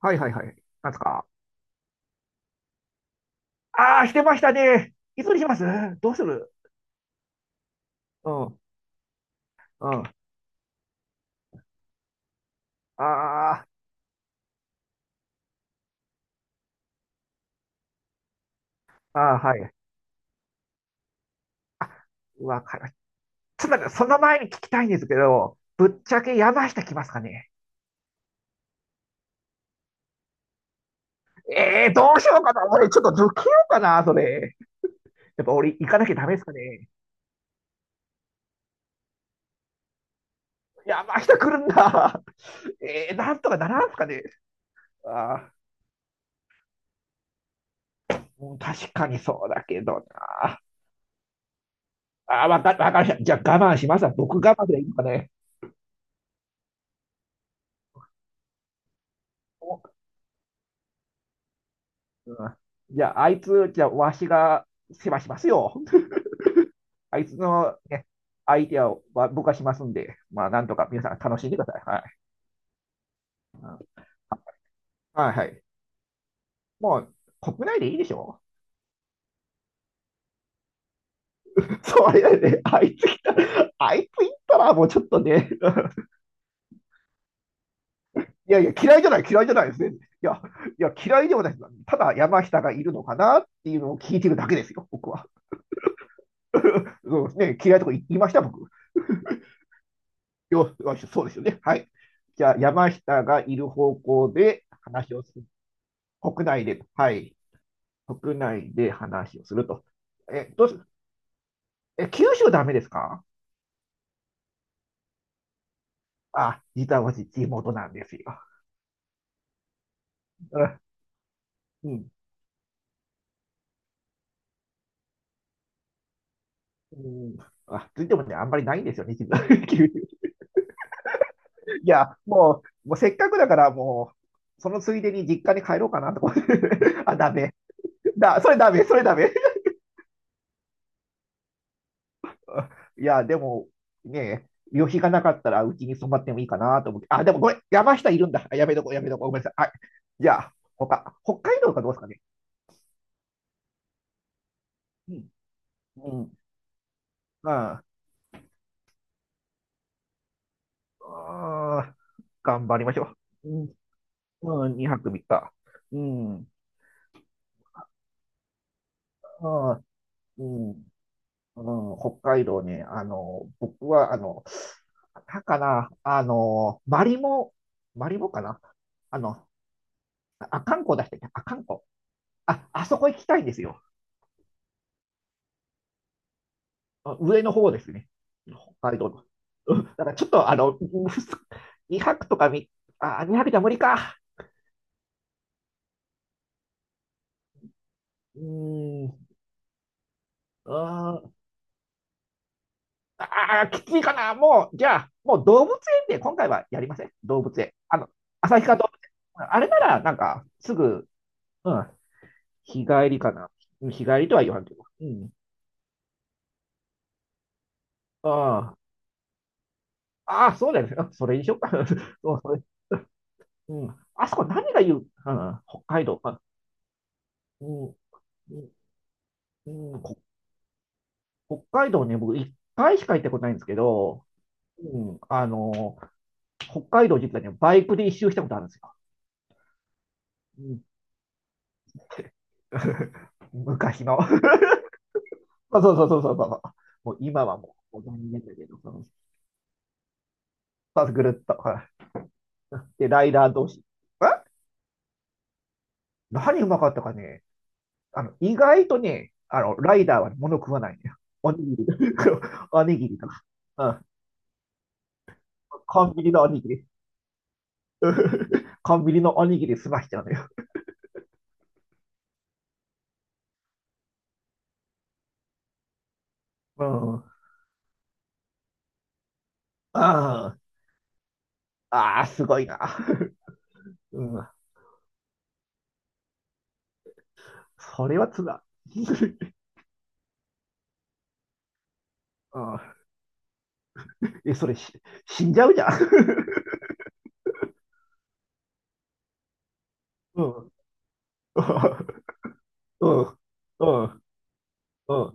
はいはいはい。なんですか。ああ、してましたね。いつにします？どうする？うん、うん。ああ、ああ、はい。わかりました。ちょっと待って、その前に聞きたいんですけど、ぶっちゃけ山下来ますかね？ええー、どうしようかな。俺、ちょっと抜けようかな、それ。やっぱ俺、行かなきゃダメですかね。山下来るんだ。ええー、なんとかならんすかね。ああ、うん、確かにそうだけどな。ああ、わかりました。じゃあ我慢しますわ。僕我慢でいいのかね。うん。じゃあ、あいつ、じゃあ、わしが世話しますよ。あいつの、ね、相手は僕がしますんで、まあ、なんとか皆さん楽しんでください。はい。うん。はいはい。もう、国内でいいでしょ？ そうやね、あいつ来たら、あいつ行ったら、もうちょっとね、いやいや、嫌いじゃないですね。いや、嫌いではないです。ただ、山下がいるのかなっていうのを聞いてるだけですよ、僕は。そうですね、嫌いとこ行いました、僕。よし、そうですよね。はい。じゃあ、山下がいる方向で話をする。国内で、はい。国内で話をすると。え、どうす、え、九州ダメですか？あ、実は私、地元なんですよ。うん。うん。うん。あ、ついてもね、あんまりないんですよね、実は 九州。もうせっかくだから、もう、そのついでに実家に帰ろうかなとか。あ、ダメ。それダメ、それダメ。いや、でも、ねえ、旅費がなかったらうちに泊まってもいいかなと思って。あ、でもごめん、山下いるんだ。あ、やめとこう、やめとこう。ごめんなさい。はい。じゃあ、他、北海道かどうですかね。うん。うん。まああ、頑張りましょう。うん。うん、2泊3日。うん。あー、うん。うん、北海道ね、あの、僕は、あの、なんかな、あの、マリモ、マリモかな。あの、あ、阿寒湖出してね、阿寒湖。あ、あそこ行きたいんですよ。あ、上の方ですね。北海道うぞ、うんだからちょっと、あの、2泊とかみ、あ、2泊じゃ無理か。うーん、あー、あー、きついかな。もう、じゃあ、もう動物園で今回はやりません。動物園。あの、旭川動物園。あれなら、なんか、すぐ、うん、日帰りかな。うん、日帰りとは言わんけど。うん。ああ、あー、そうだよね。うん、それにしようか。そう、それ。うん。あそこ何が言う、うん、北海道。あ、うん、うん、うん、北海道ね、僕一回しか行ったことないんですけど、うん、あの、北海道実はね、バイクで一周したことあるんですよ。うん、昔の。そうそうそうそうそうそう。もう今はもう、残念だけど、その、まずぐるっと。はい。で、ライダー同士。え、何うまかったかね。あの、意外とね、あの、ライダーはね物食わないんだよ。おにぎりとか、おにぎりとか。うん。コンビニのおにぎり。コンビニのおにぎり済ましちゃうのよ。うん。ああ、ああ、すごいな。うん。それはつらい。うん。え、それし、死んじゃうじゃん。うん。うん。うん。うん。うん。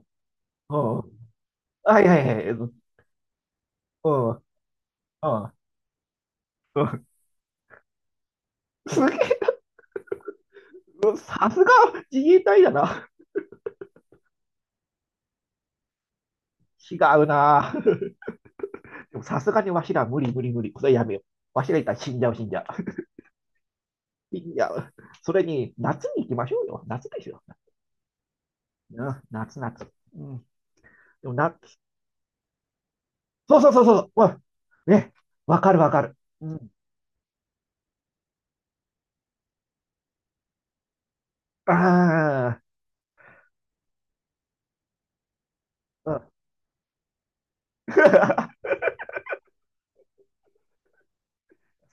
うん。はいはいはい。うん。うん。うん。すげえ、うん、さすが自衛隊だな。違うな。でもさすがにわしら無理無理無理。これやめよう。わしらいたら死んじゃう死んじゃう。死んじゃう。それに、夏に行きましょうよ。夏ですよ。うん、夏夏。うん。でもな、そうそうそうそう。うん。ね。わかるわかる。うん。ああ、うん。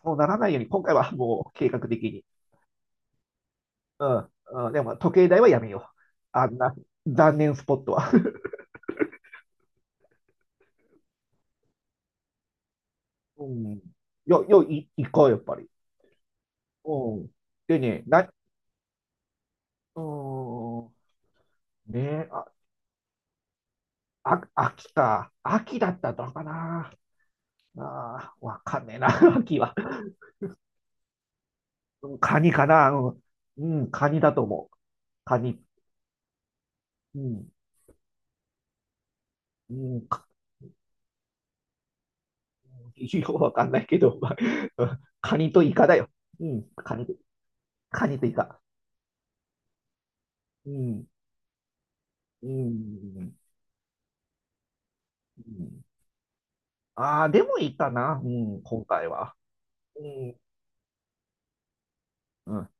そうならないように、今回はもう計画的に。うん。うん、でも、時計台はやめよう。あんな、残念スポットは。うん。よ、よ、い、行こう、やっぱり。うん。でね、な、うーん。ねあ、あ、秋か。秋だったのかな。ああ、わかんねえな、秋は。うん、カニかな。うん、うん、カニだと思う。カニ。うん、うん、ようわかんないけど、まあ、カニとイカだよ。うん、カニと、カニとイカ。うん、うん、うん。ああ、でもいいかな、うん、今回は。うん、うん。あ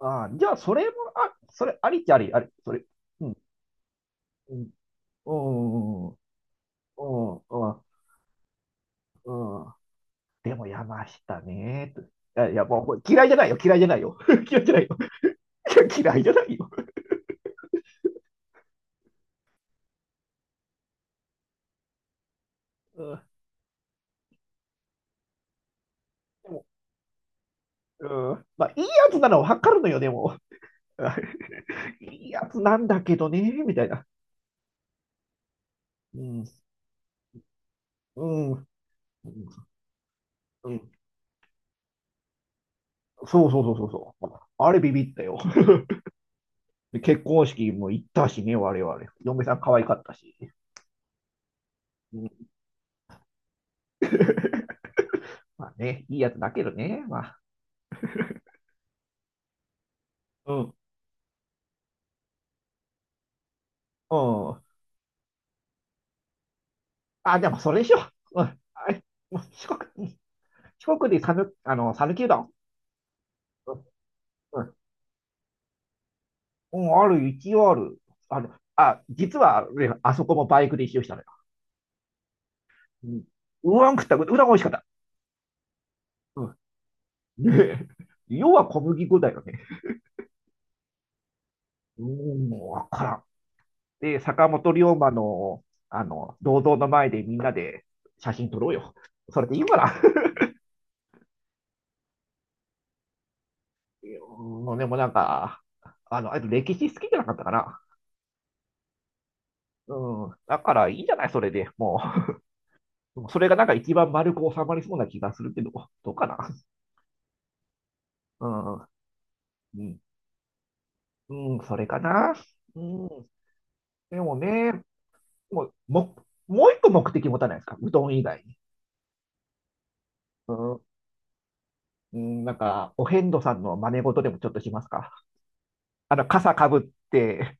あ、じゃあ、それも、ありっちゃあり、あり、それ。うん、うん、うん、うん、うん、うん。でも、山下ね。と、いや、もう、これ嫌いじゃないよ、嫌いじゃないよ。嫌いじゃないよ。嫌いじゃないよ。うん、でも、うん。まあ、いいやつなのはわかるのよ、でも。いいやつなんだけどね、みたいな。うん、うん、うん、そうそうそうそうそう。あれビビったよ。結婚式も行ったしね、我々。嫁さん可愛かったし。うん。 まあね、いいやつだけどね、まあ。うん、うん。あ、でもそれでしょ。うん。あ、四国、四国で讃、あの、讃岐うどん。うん、うん、ある、一応ある。あの、あ、実は、あそこもバイクで一周したのよ。うん。うどん食った、うどん美味しかった。う、 で、要は小麦粉だよね。うーん、もうわからん。で、坂本龍馬の、あの、銅像の前でみんなで写真撮ろうよ。それでいいかな。うん、でもなんか、あの、あと歴史好きじゃなかったかな。うん、だからいいんじゃないそれで。もう、それがなんか一番丸く収まりそうな気がするけど、どうかな。うん、うん、うん、それかな。うん、でもね、もう、も、もう一個目的持たないですかうどん以外に。うん。うん、なんか、お遍路さんの真似事でもちょっとしますか。あの、傘かぶって、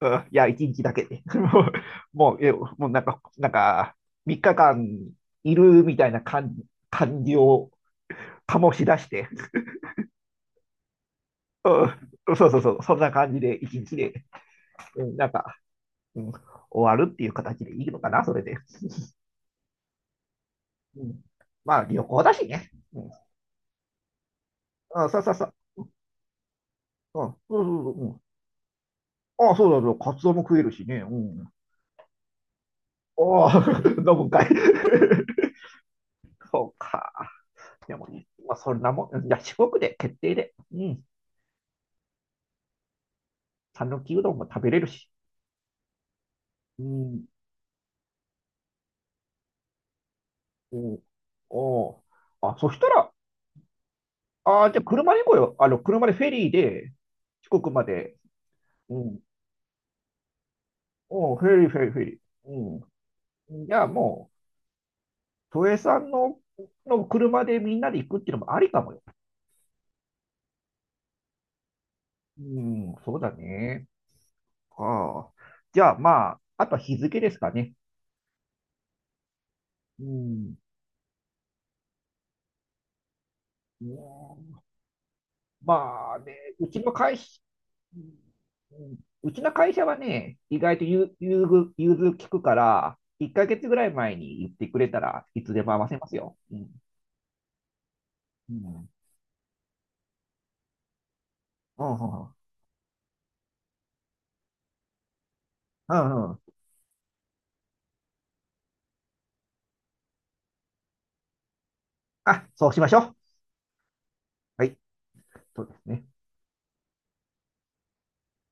うん、いや、一日だけで。もう、もうえ、もうなんか、なんか、3日間いるみたいな感、感じを醸し出して、うん、そうそうそう、そんな感じで一日で、うん、なんか、うん、終わるっていう形でいいのかな、それで。うん、まあ、旅行だしね。うん、あ、そうそうそう。うん、そうそうそう。うん、あ、そうだそう、カツオも食えるしね。うん。ああ 飲むんかい。そうか。でもね、まあ、そんなもん、いや、四国で決定で、うん、讃岐うどんも食べれるし。うん、うん、おう。あ、そしたら、あー、じゃあ車で行こうよ。あの、車でフェリーで、四国まで。うん、おうフェリー、フェリー、フェリー。うん。じゃあもう、都営さんの、の車でみんなで行くっていうのもありかもよ。うん、そうだね。ああ。じゃあまあ、あとは日付ですかね。うん。うん。まあね、うちの会、うん、うん、うちの会社はね、意外と融融通、融通聞くから、1ヶ月ぐらい前に言ってくれたらいつでも合わせますよ。うん。うん。うん。うん。うん。うん。あ、そうしましょう。はい。そうですね。